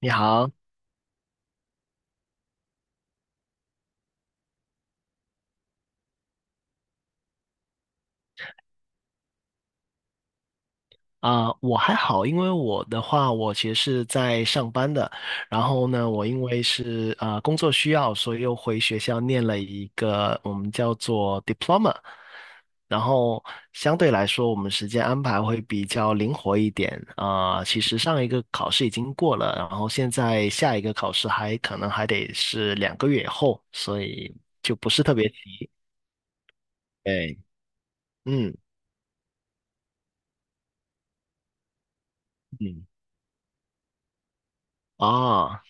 你好。我还好，因为我的话，我其实是在上班的。然后呢，我因为是工作需要，所以又回学校念了一个我们叫做 diploma，然后相对来说，我们时间安排会比较灵活一点。其实上一个考试已经过了，然后现在下一个考试还可能还得是两个月以后，所以就不是特别急。对，嗯嗯，啊。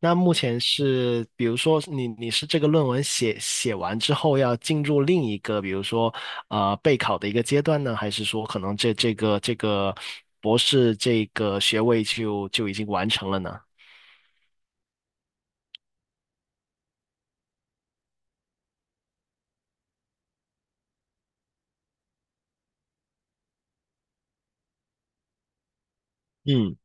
那目前是，比如说你是这个论文写完之后要进入另一个，比如说备考的一个阶段呢，还是说可能这个博士这个学位就已经完成了呢？嗯，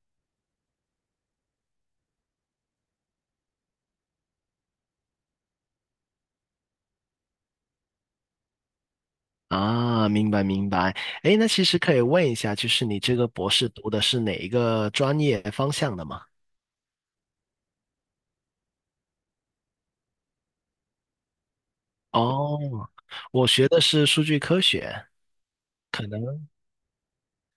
啊，明白明白。诶，那其实可以问一下，就是你这个博士读的是哪一个专业方向的吗？哦，我学的是数据科学。可能。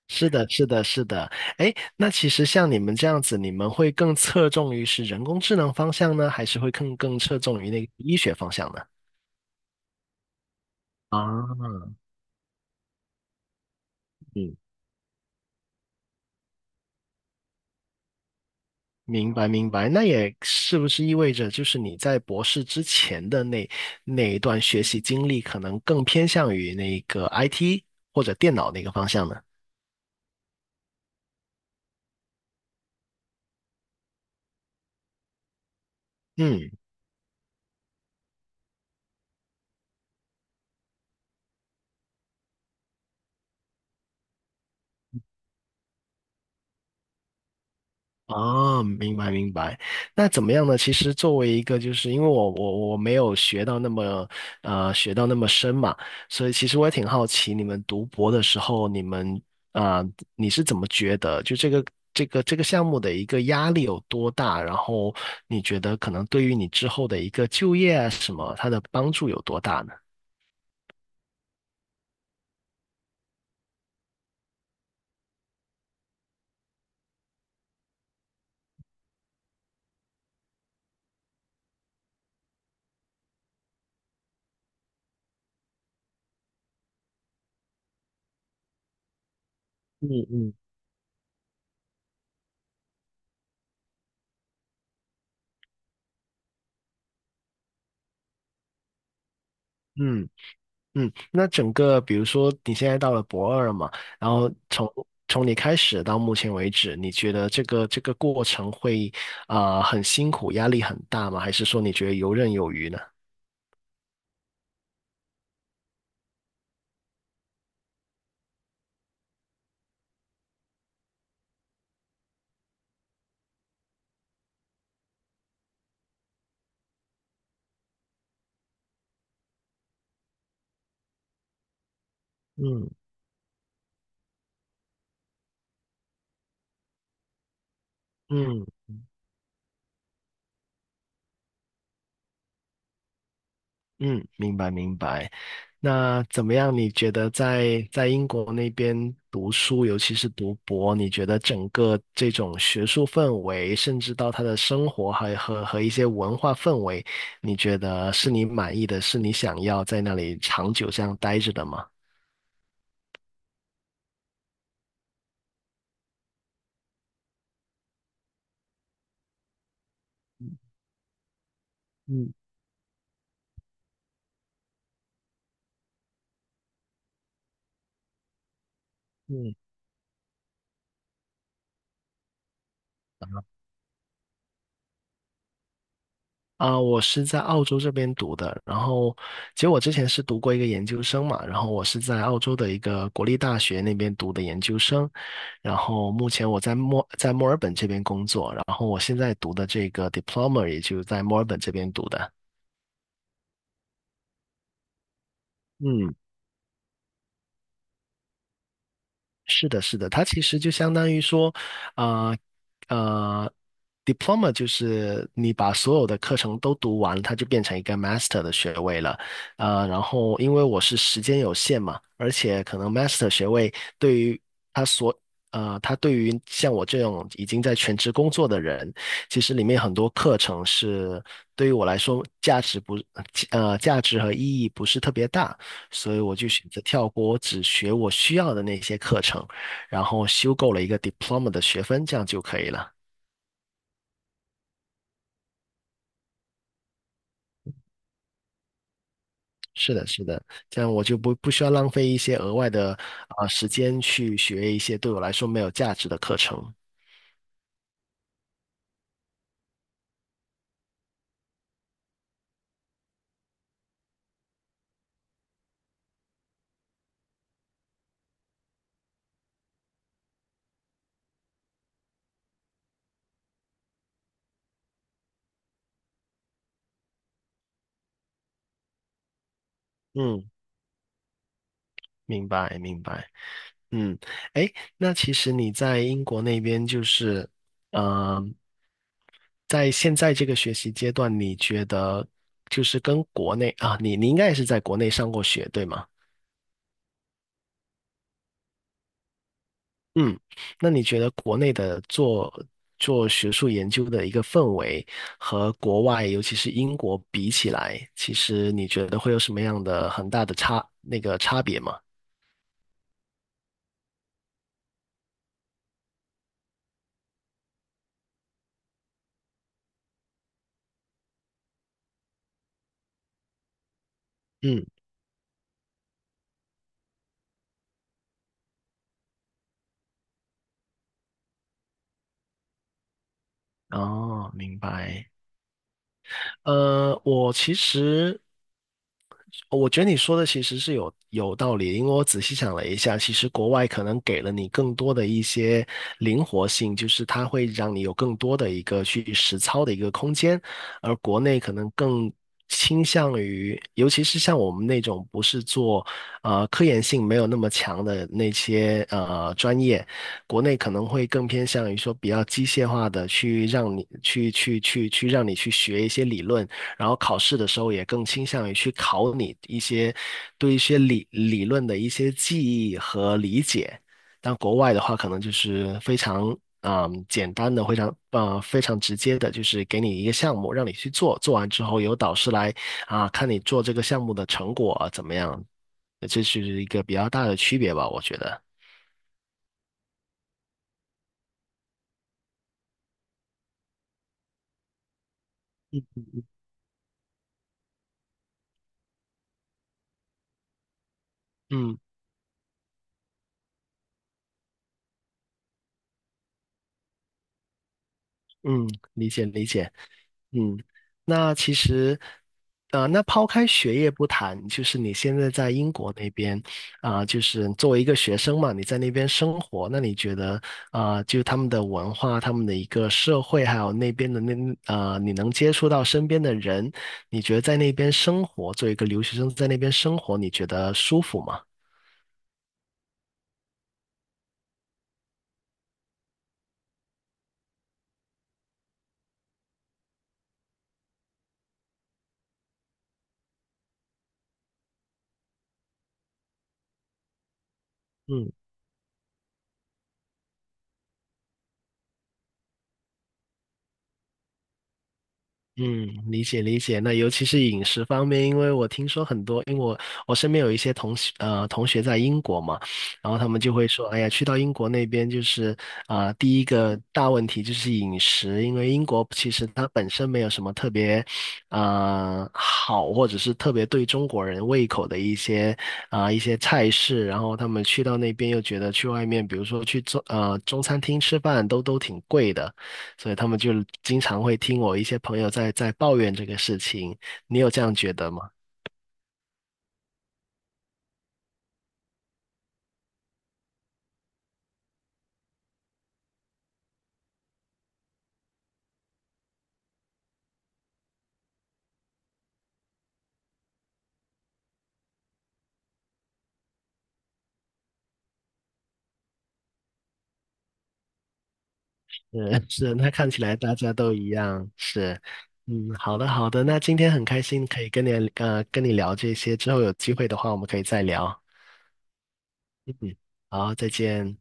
是的，是的，是的。哎，那其实像你们这样子，你们会更侧重于是人工智能方向呢，还是会更侧重于那个医学方向呢？啊，嗯，明白明白。那也是不是意味着，就是你在博士之前的那一段学习经历，可能更偏向于那个 IT 或者电脑那个方向呢？嗯。啊，明白明白。那怎么样呢？其实作为一个，就是因为我没有学到那么学到那么深嘛，所以其实我也挺好奇，你们读博的时候，你们你是怎么觉得就这个项目的一个压力有多大？然后你觉得可能对于你之后的一个就业啊什么，它的帮助有多大呢？嗯嗯。嗯嗯，那整个比如说你现在到了博二嘛，然后从你开始到目前为止，你觉得这个过程会很辛苦，压力很大吗？还是说你觉得游刃有余呢？嗯。嗯嗯，明白明白。那怎么样？你觉得在英国那边读书，尤其是读博，你觉得整个这种学术氛围，甚至到他的生活还和一些文化氛围，你觉得是你满意的，是你想要在那里长久这样待着的吗？嗯嗯，我是在澳洲这边读的，然后其实我之前是读过一个研究生嘛，然后我是在澳洲的一个国立大学那边读的研究生，然后目前我在墨尔本这边工作，然后我现在读的这个 diploma 也就在墨尔本这边读的。嗯，是的，是的，它其实就相当于说，呃呃，diploma 就是你把所有的课程都读完，它就变成一个 master 的学位了。呃，然后因为我是时间有限嘛，而且可能 master 学位对于他所他对于像我这种已经在全职工作的人，其实里面很多课程是对于我来说价值和意义不是特别大。所以我就选择跳过，我只学我需要的那些课程，然后修够了一个 diploma 的学分，这样就可以了。是的，是的，这样我就不需要浪费一些额外的时间去学一些对我来说没有价值的课程。嗯，明白，明白。嗯，哎，那其实你在英国那边就是，嗯、在现在这个学习阶段，你觉得就是跟国内啊，你应该也是在国内上过学，对吗？嗯，那你觉得国内的做学术研究的一个氛围和国外，尤其是英国比起来，其实你觉得会有什么样的很大的差，那个差别吗？嗯，哦，明白。呃，我其实我觉得你说的其实是有道理，因为我仔细想了一下，其实国外可能给了你更多的一些灵活性，就是它会让你有更多的一个去实操的一个空间，而国内可能更倾向于，尤其是像我们那种不是做科研性没有那么强的那些专业，国内可能会更偏向于说比较机械化的去让你去让你去学一些理论，然后考试的时候也更倾向于去考你一些对一些理论的一些记忆和理解。但国外的话，可能就是非常简单的，非常非常直接的，就是给你一个项目让你去做，做完之后由导师来看你做这个项目的成果啊怎么样，这是一个比较大的区别吧，我觉得。嗯嗯，理解理解。嗯，那其实，呃，那抛开学业不谈，就是你现在在英国那边，就是作为一个学生嘛，你在那边生活，那你觉得，就他们的文化、他们的一个社会，还有那边的那，呃，你能接触到身边的人，你觉得在那边生活，作为一个留学生在那边生活，你觉得舒服吗？嗯。嗯，理解理解。那尤其是饮食方面，因为我听说很多，因为我身边有一些同学在英国嘛，然后他们就会说，哎呀，去到英国那边就是第一个大问题就是饮食，因为英国其实它本身没有什么特别好，或者是特别对中国人胃口的一些一些菜式，然后他们去到那边又觉得去外面，比如说去中餐厅吃饭都挺贵的。所以他们就经常会听我一些朋友在抱怨这个事情。你有这样觉得吗？是 是，那看起来大家都一样。是，嗯，好的，那今天很开心可以跟你跟你聊这些，之后有机会的话我们可以再聊。嗯，好，再见。